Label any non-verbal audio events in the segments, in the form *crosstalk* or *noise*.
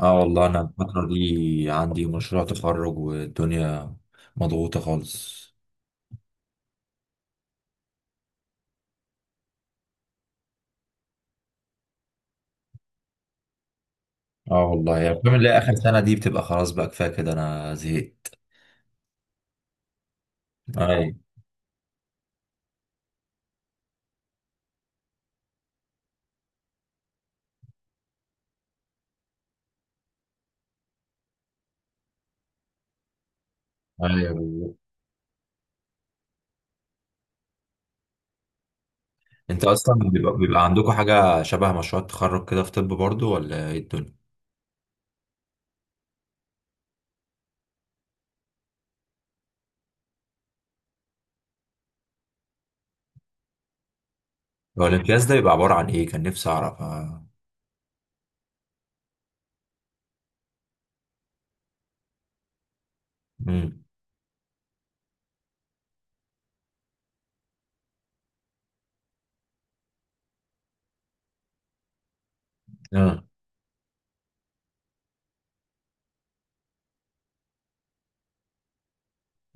اه والله انا الفترة دي عندي مشروع تخرج والدنيا مضغوطة خالص. اه والله يا بتعمل اللي هي اخر سنة دي بتبقى خلاص بقى كفاية كده انا زهقت. اي اي بالظبط. انت اصلا بيبقى عندكم حاجة شبه مشروع التخرج كده في طب برضو ولا ايه الدنيا؟ هو الامتياز ده بيبقى عبارة عن ايه؟ كان نفسي اعرف. امم اه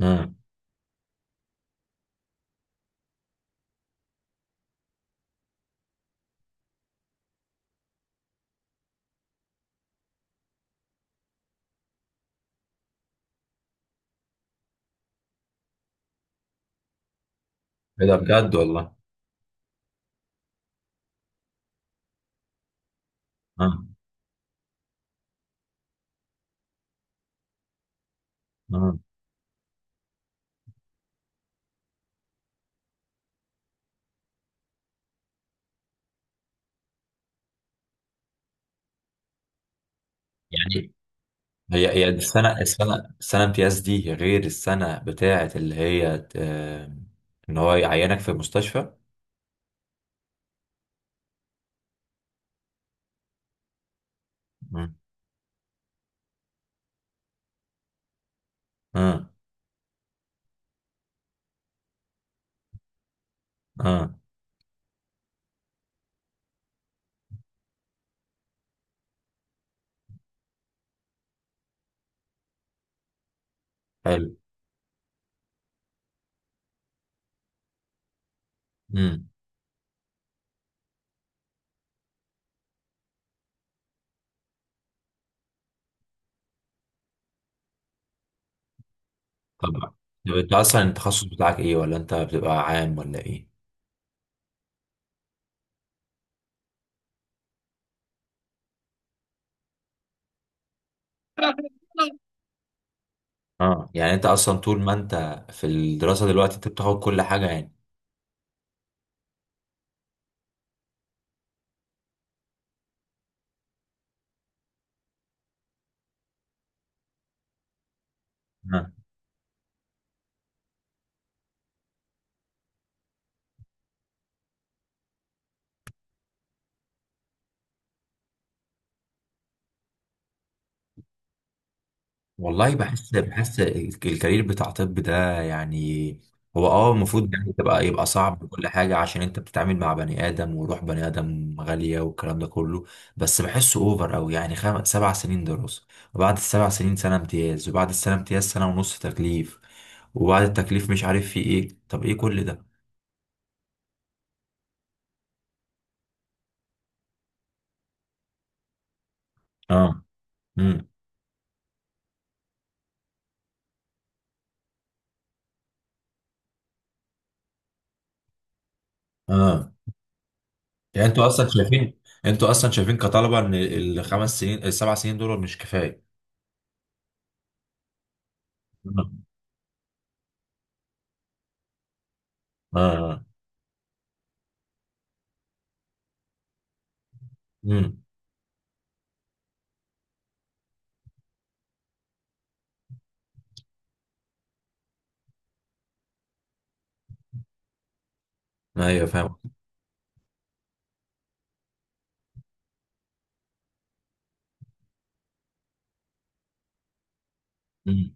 امم ايه ده بجد والله؟ اه اه يعني هي السنة امتياز دي غير السنة بتاعة اللي هي إن هو يعينك في المستشفى. مم. اه اه حلو. مم. طبعا. طب انت اصلا التخصص بتاعك ايه، ولا انت بتبقى عام ولا ايه؟ اه يعني انت اصلا طول ما انت في الدراسة دلوقتي انت بتاخد كل حاجة يعني. والله بحس الكارير بتاع طب ده يعني هو اه المفروض يعني تبقى يبقى صعب وكل حاجة عشان انت بتتعامل مع بني آدم وروح بني آدم غالية والكلام ده كله. بس بحسه اوفر اوي يعني سبع سنين دراسة، وبعد السبع سنين سنة امتياز، وبعد السنة امتياز سنة ونص تكليف، وبعد التكليف مش عارف في ايه. طب ايه كل ده؟ اه امم اه. يعني انتوا اصلا شايفين، انتوا اصلا شايفين كطلبة ان الخمس سنين السبع سنين دول مش كفاية؟ اه اه امم ايوه فاهم. مم.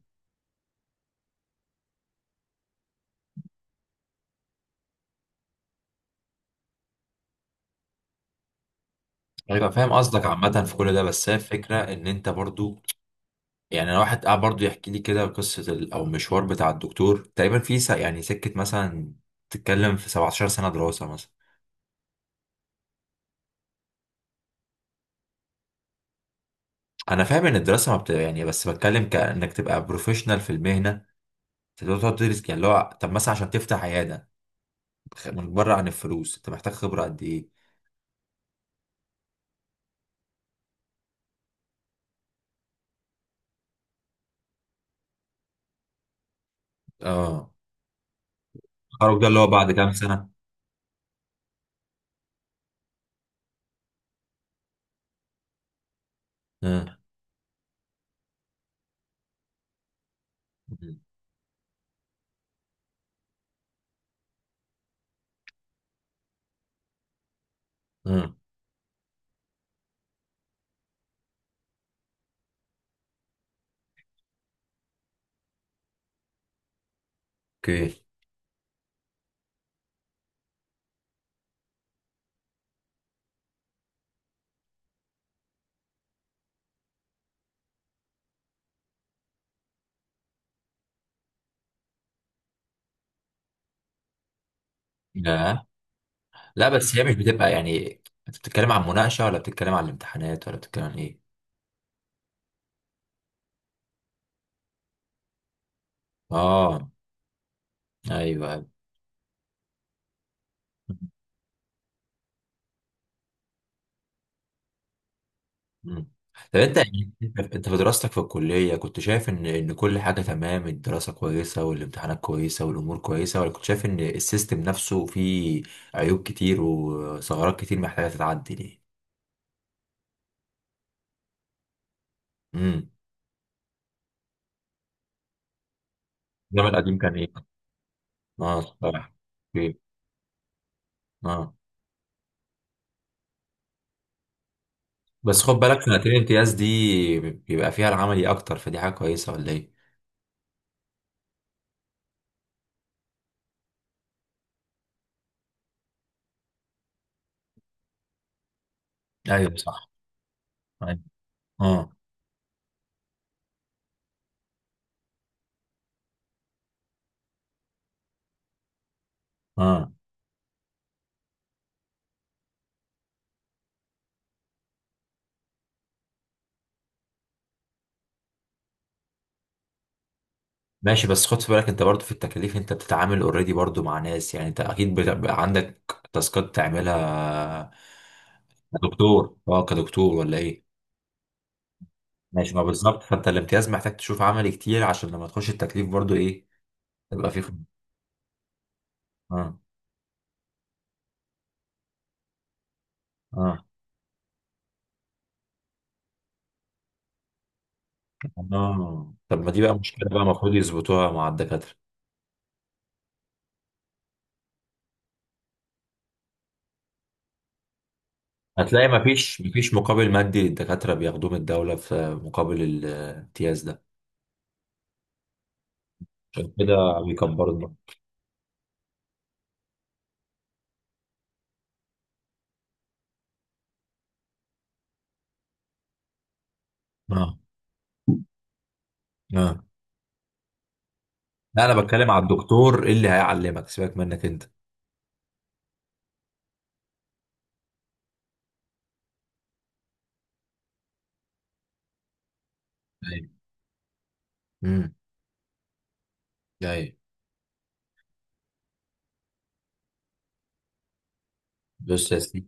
ايوه فاهم قصدك عامة في كل ده، بس هي الفكرة ان انت برضو يعني انا واحد قاعد برضو يحكي لي كده قصة او مشوار بتاع الدكتور تقريبا في يعني سكة مثلا تتكلم في 17 سنة دراسة مثلا. انا فاهم ان الدراسة ما بت... يعني، بس بتكلم كانك تبقى بروفيشنال في المهنة تقدر تقعد تدرس يعني اللي هو طب مثلا عشان تفتح عيادة. من بره عن الفلوس انت محتاج خبرة قد ايه؟ اه التخرج ده اللي هو بعد كام سنة؟ اه اه اوكي. لا لا، بس هي مش بتبقى يعني، انت بتتكلم عن مناقشة ولا بتتكلم عن الامتحانات ولا بتتكلم عن ايه؟ اه ايوه ايوه. مم. طب انت يعني، انت في دراستك في الكلية كنت شايف ان ان كل حاجة تمام، الدراسة كويسة والامتحانات كويسة والامور كويسة، ولا كنت شايف ان السيستم نفسه فيه عيوب كتير وثغرات كتير محتاجة تتعدل ايه؟ امم. الزمن القديم كان ايه؟ اه الصراحة. اوكي. اه بس خد بالك سنتين الامتياز دي بيبقى فيها العملي اكتر فدي حاجة كويسة ولا ايه؟ ايوه صح. أيوه. اه اه ماشي، بس خد في بالك انت برضو في التكاليف انت بتتعامل اوريدي برضو مع ناس، يعني انت اكيد بتبقى عندك تاسكات تعملها كدكتور، اه كدكتور ولا ايه؟ ماشي، ما بالظبط، فانت الامتياز محتاج تشوف عملي كتير عشان لما تخش التكليف برضو ايه تبقى فيه اه اه اه. طب ما دي بقى مشكلة بقى المفروض يظبطوها مع الدكاترة. هتلاقي مفيش مقابل مادي للدكاترة بياخدوه من الدولة في مقابل الامتياز ده، عشان كده بيكبروا دماغهم. اه اه لا، انا بتكلم على الدكتور اللي هيعلمك سيبك منك انت. ايوه امم ايوه. بص يا سيدي،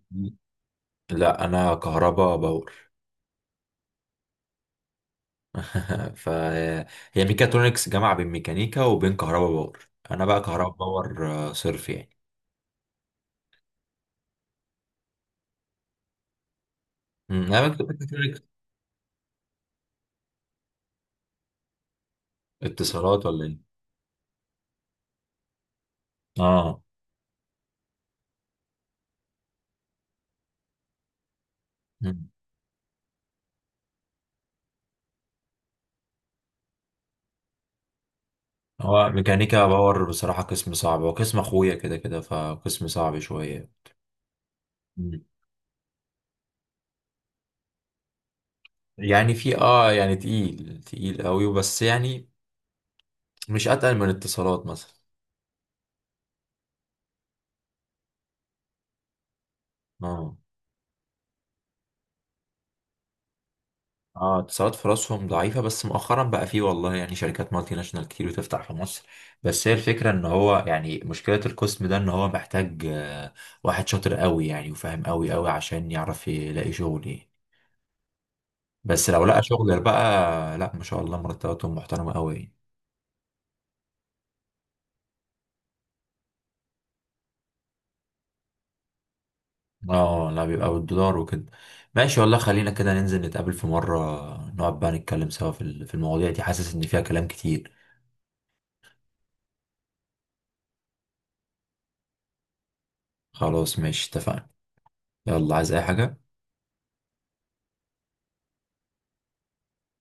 لا انا كهربا باور. *laughs* فهي ميكاترونكس جامعه بين ميكانيكا وبين كهربا باور، انا بقى كهربا باور صرف يعني. انا كنت ميكاترونكس. اتصالات ولا ايه؟ اه. مم. هو ميكانيكا باور بصراحه قسم صعب، هو قسم اخويا كده كده فقسم صعب شويه. مم. يعني في اه يعني تقيل قوي بس يعني مش اتقل من اتصالات مثلا. اه اه اتصالات في راسهم ضعيفة، بس مؤخرا بقى فيه والله يعني شركات مالتي ناشونال كتير بتفتح في مصر. بس هي الفكرة ان هو يعني مشكلة القسم ده ان هو محتاج واحد شاطر قوي يعني وفاهم قوي قوي عشان يعرف يلاقي شغل يعني. بس لو لقى بالظبط شغل بقى لا ما شاء الله مرتباتهم محترمة قوي يعني. اه لا بيبقى بالدولار وكده. ماشي والله، خلينا كده ننزل نتقابل في مرة، نقعد بقى نتكلم سوا في في المواضيع دي، حاسس ان فيها كلام كتير. خلاص ماشي اتفقنا. يلا عايز اي حاجة؟